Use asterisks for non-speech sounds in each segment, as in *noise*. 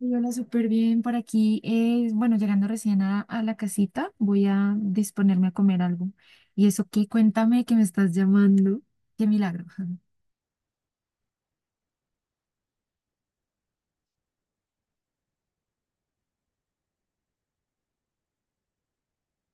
Y hola, súper bien por aquí. Bueno, llegando recién a la casita, voy a disponerme a comer algo. ¿Y eso qué? Cuéntame que me estás llamando. Qué milagro. *laughs*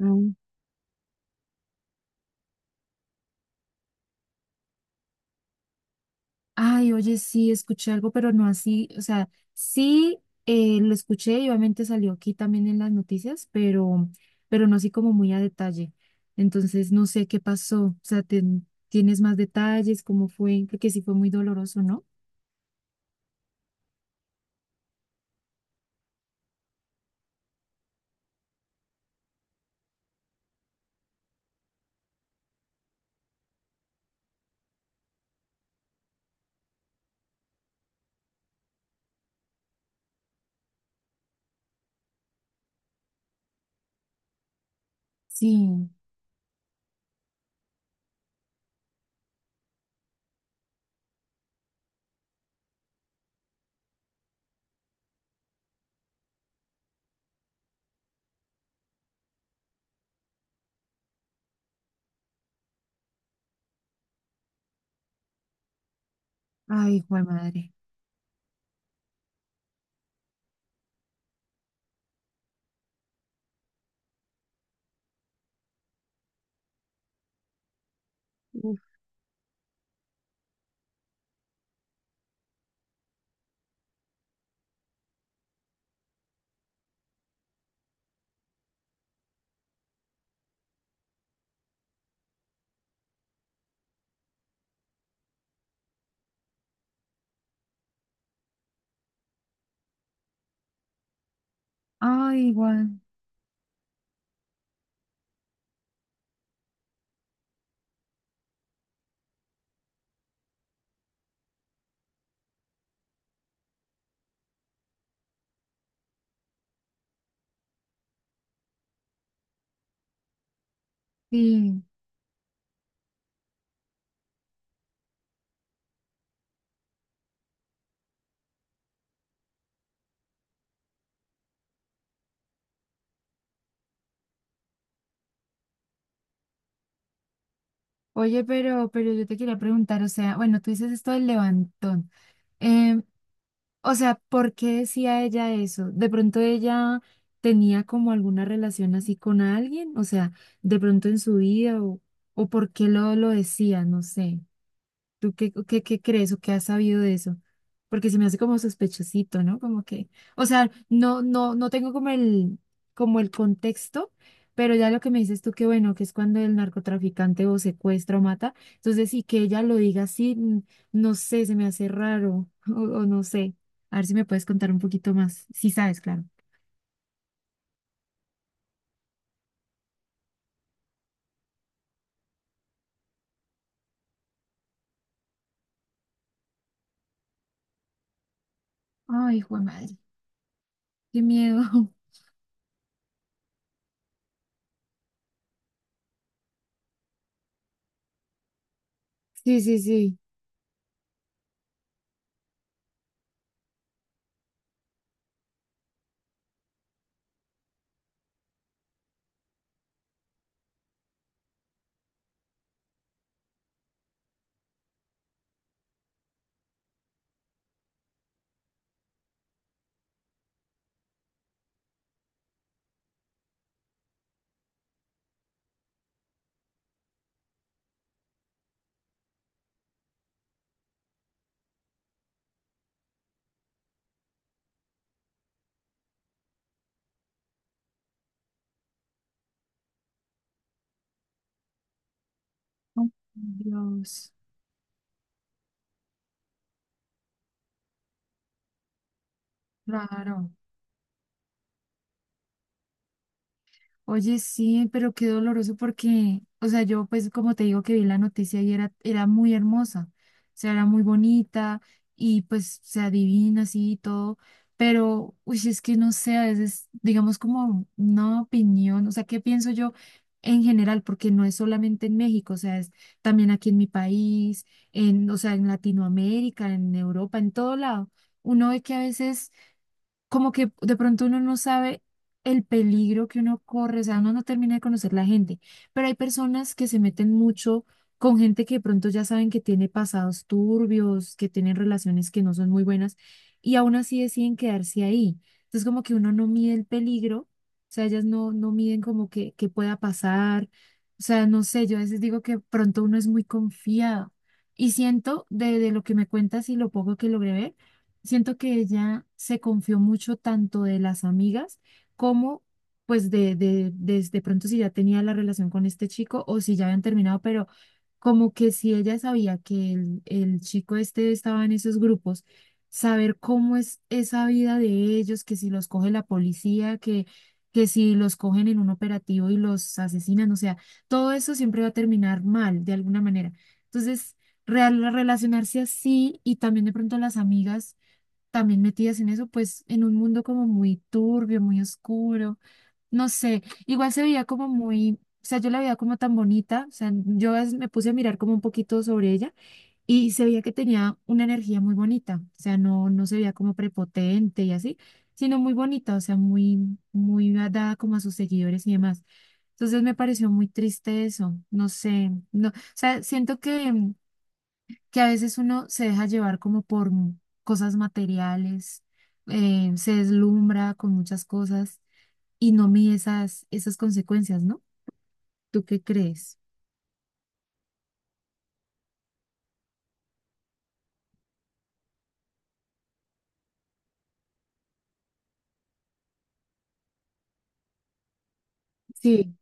Mm. Ay, oye, sí, escuché algo, pero no así. O sea, sí, lo escuché y obviamente salió aquí también en las noticias, pero no así como muy a detalle. Entonces, no sé qué pasó. O sea, ¿tienes más detalles? ¿Cómo fue? Porque sí fue muy doloroso, ¿no? Sí. Ay, jue madre. Ah, igual, sí. Oye, pero yo te quería preguntar, o sea, bueno, tú dices esto del levantón. Em, o sea, ¿por qué decía ella eso? ¿De pronto ella tenía como alguna relación así con alguien? O sea, de pronto en su vida o por qué lo decía, no sé. ¿Tú qué crees o qué has sabido de eso? Porque se me hace como sospechosito, ¿no? Como que, o sea, no tengo como el contexto, pero ya lo que me dices tú, que bueno, que es cuando el narcotraficante o secuestra o mata, entonces sí que ella lo diga así, no sé, se me hace raro, *laughs* o no sé. A ver si me puedes contar un poquito más, si sabes, claro. Ay, hijo de madre, qué miedo. *laughs* Sí, sí, sí. Oh, Dios, claro. Oye, sí, pero qué doloroso porque, o sea, yo pues como te digo que vi la noticia y era muy hermosa, o sea, era muy bonita y pues se adivina así y todo, pero, uy, es que no sé, a veces digamos como una opinión, o sea, ¿qué pienso yo en general? Porque no es solamente en México, o sea, es también aquí en mi país, en, o sea, en Latinoamérica, en Europa, en todo lado. Uno ve que a veces como que de pronto uno no sabe el peligro que uno corre, o sea, uno no termina de conocer la gente, pero hay personas que se meten mucho con gente que de pronto ya saben que tiene pasados turbios, que tienen relaciones que no son muy buenas y aún así deciden quedarse ahí. Entonces como que uno no mide el peligro, o sea, ellas no miden como que pueda pasar, o sea, no sé, yo a veces digo que pronto uno es muy confiado. Y siento de lo que me cuentas y lo poco que logré ver, siento que ella se confió mucho tanto de las amigas como pues de pronto si ya tenía la relación con este chico o si ya habían terminado, pero como que si ella sabía que el chico este estaba en esos grupos, saber cómo es esa vida de ellos, que si los coge la policía, que si los cogen en un operativo y los asesinan, o sea, todo eso siempre va a terminar mal de alguna manera. Entonces, relacionarse así y también de pronto las amigas también metidas en eso, pues en un mundo como muy turbio, muy oscuro, no sé, igual se veía como muy, o sea, yo la veía como tan bonita, o sea, yo a me puse a mirar como un poquito sobre ella y se veía que tenía una energía muy bonita, o sea, no se veía como prepotente y así, sino muy bonita, o sea, muy, muy dada como a sus seguidores y demás. Entonces me pareció muy triste eso, no sé, no, o sea, siento que a veces uno se deja llevar como por cosas materiales, se deslumbra con muchas cosas y no mide esas consecuencias, ¿no? ¿Tú qué crees? Sí,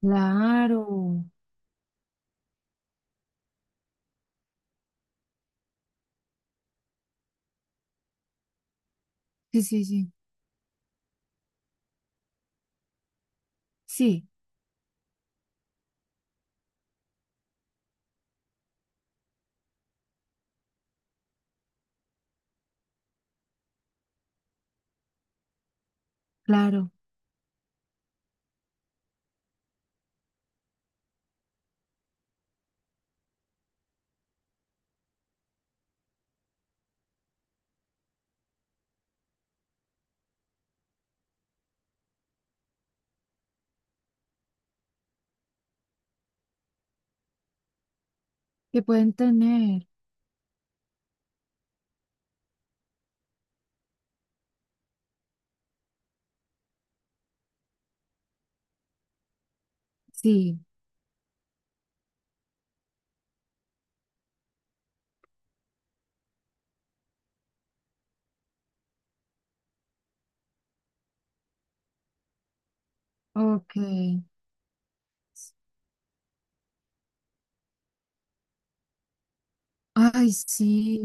claro. Sí, sí, sí. Sí, claro. Que pueden tener. Sí, ok. Ay, sí.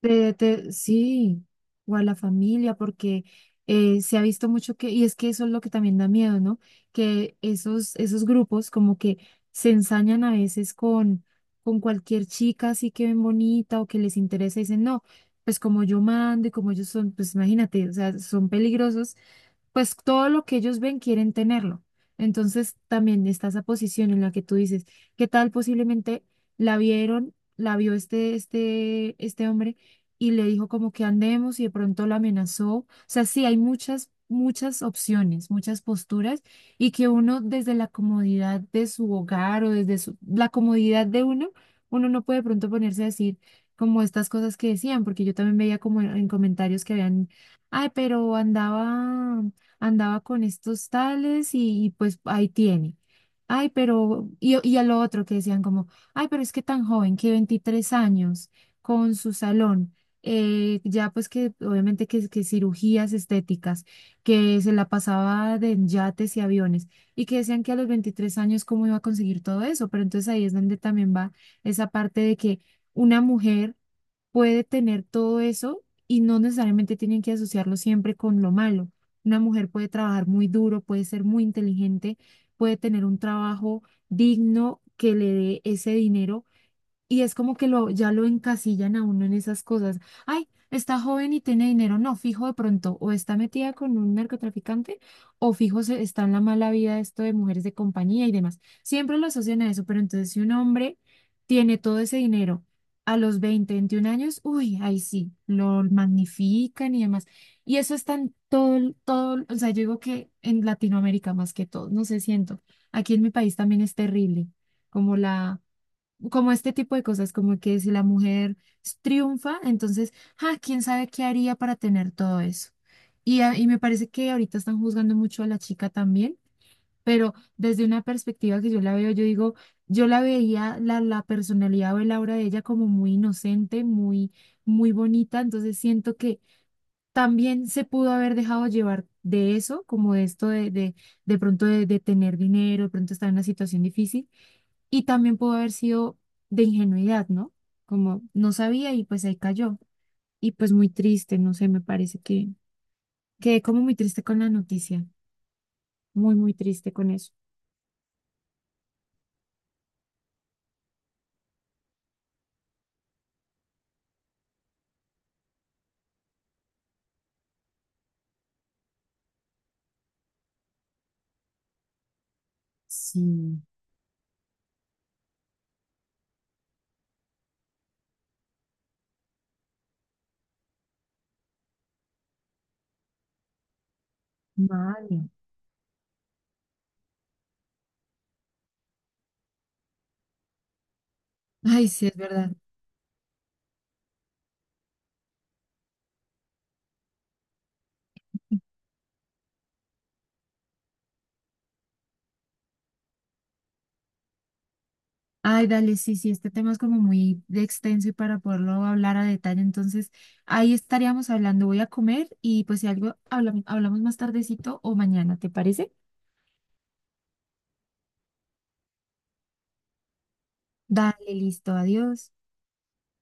Sí, o a la familia, porque se ha visto mucho que, y es que eso es lo que también da miedo, ¿no? Que esos grupos como que se ensañan a veces con cualquier chica así que ven bonita o que les interesa y dicen, no, pues como yo mando y como ellos son, pues imagínate, o sea, son peligrosos pues todo lo que ellos ven quieren tenerlo. Entonces también está esa posición en la que tú dices, ¿qué tal posiblemente la vieron, la vio este hombre y le dijo como que andemos y de pronto la amenazó? O sea, sí, hay muchas opciones, muchas posturas y que uno desde la comodidad de su hogar o desde la comodidad de uno, uno no puede de pronto ponerse a decir como estas cosas que decían, porque yo también veía como en comentarios que habían. Ay, pero andaba con estos tales y pues ahí tiene. Ay, pero, y a lo otro que decían como, ay, pero es que tan joven, que 23 años, con su salón, ya pues que obviamente que cirugías estéticas, que se la pasaba de en yates y aviones, y que decían que a los 23 años cómo iba a conseguir todo eso, pero entonces ahí es donde también va esa parte de que una mujer puede tener todo eso y no necesariamente tienen que asociarlo siempre con lo malo. Una mujer puede trabajar muy duro, puede ser muy inteligente, puede tener un trabajo digno que le dé ese dinero y es como que ya lo encasillan a uno en esas cosas. Ay, está joven y tiene dinero. No, fijo de pronto, o está metida con un narcotraficante, o fijo está en la mala vida esto de mujeres de compañía y demás. Siempre lo asocian a eso, pero entonces si un hombre tiene todo ese dinero a los 20 21 años, uy, ahí sí, lo magnifican y demás. Y eso está en todo, todo, o sea, yo digo que en Latinoamérica más que todo, no sé, siento. Aquí en mi país también es terrible, como la como este tipo de cosas, como que si la mujer triunfa, entonces, ah, quién sabe qué haría para tener todo eso. Y me parece que ahorita están juzgando mucho a la chica también, pero desde una perspectiva que yo la veo, yo digo, yo la veía, la personalidad o el aura de ella como muy inocente, muy, muy bonita, entonces siento que también se pudo haber dejado llevar de eso, como de esto de pronto, de tener dinero, de pronto estar en una situación difícil y también pudo haber sido de ingenuidad, ¿no? Como no sabía y pues ahí cayó. Y pues muy triste, no sé, me parece que quedé como muy triste con la noticia. Muy, muy triste con eso. Sí, vale. Ay, sí, es verdad. Ay, dale, sí, sí, este tema es como muy de extenso y para poderlo hablar a detalle, entonces ahí estaríamos hablando. Voy a comer y pues si algo hablamos, hablamos más tardecito o mañana, ¿te parece? Dale, listo, adiós.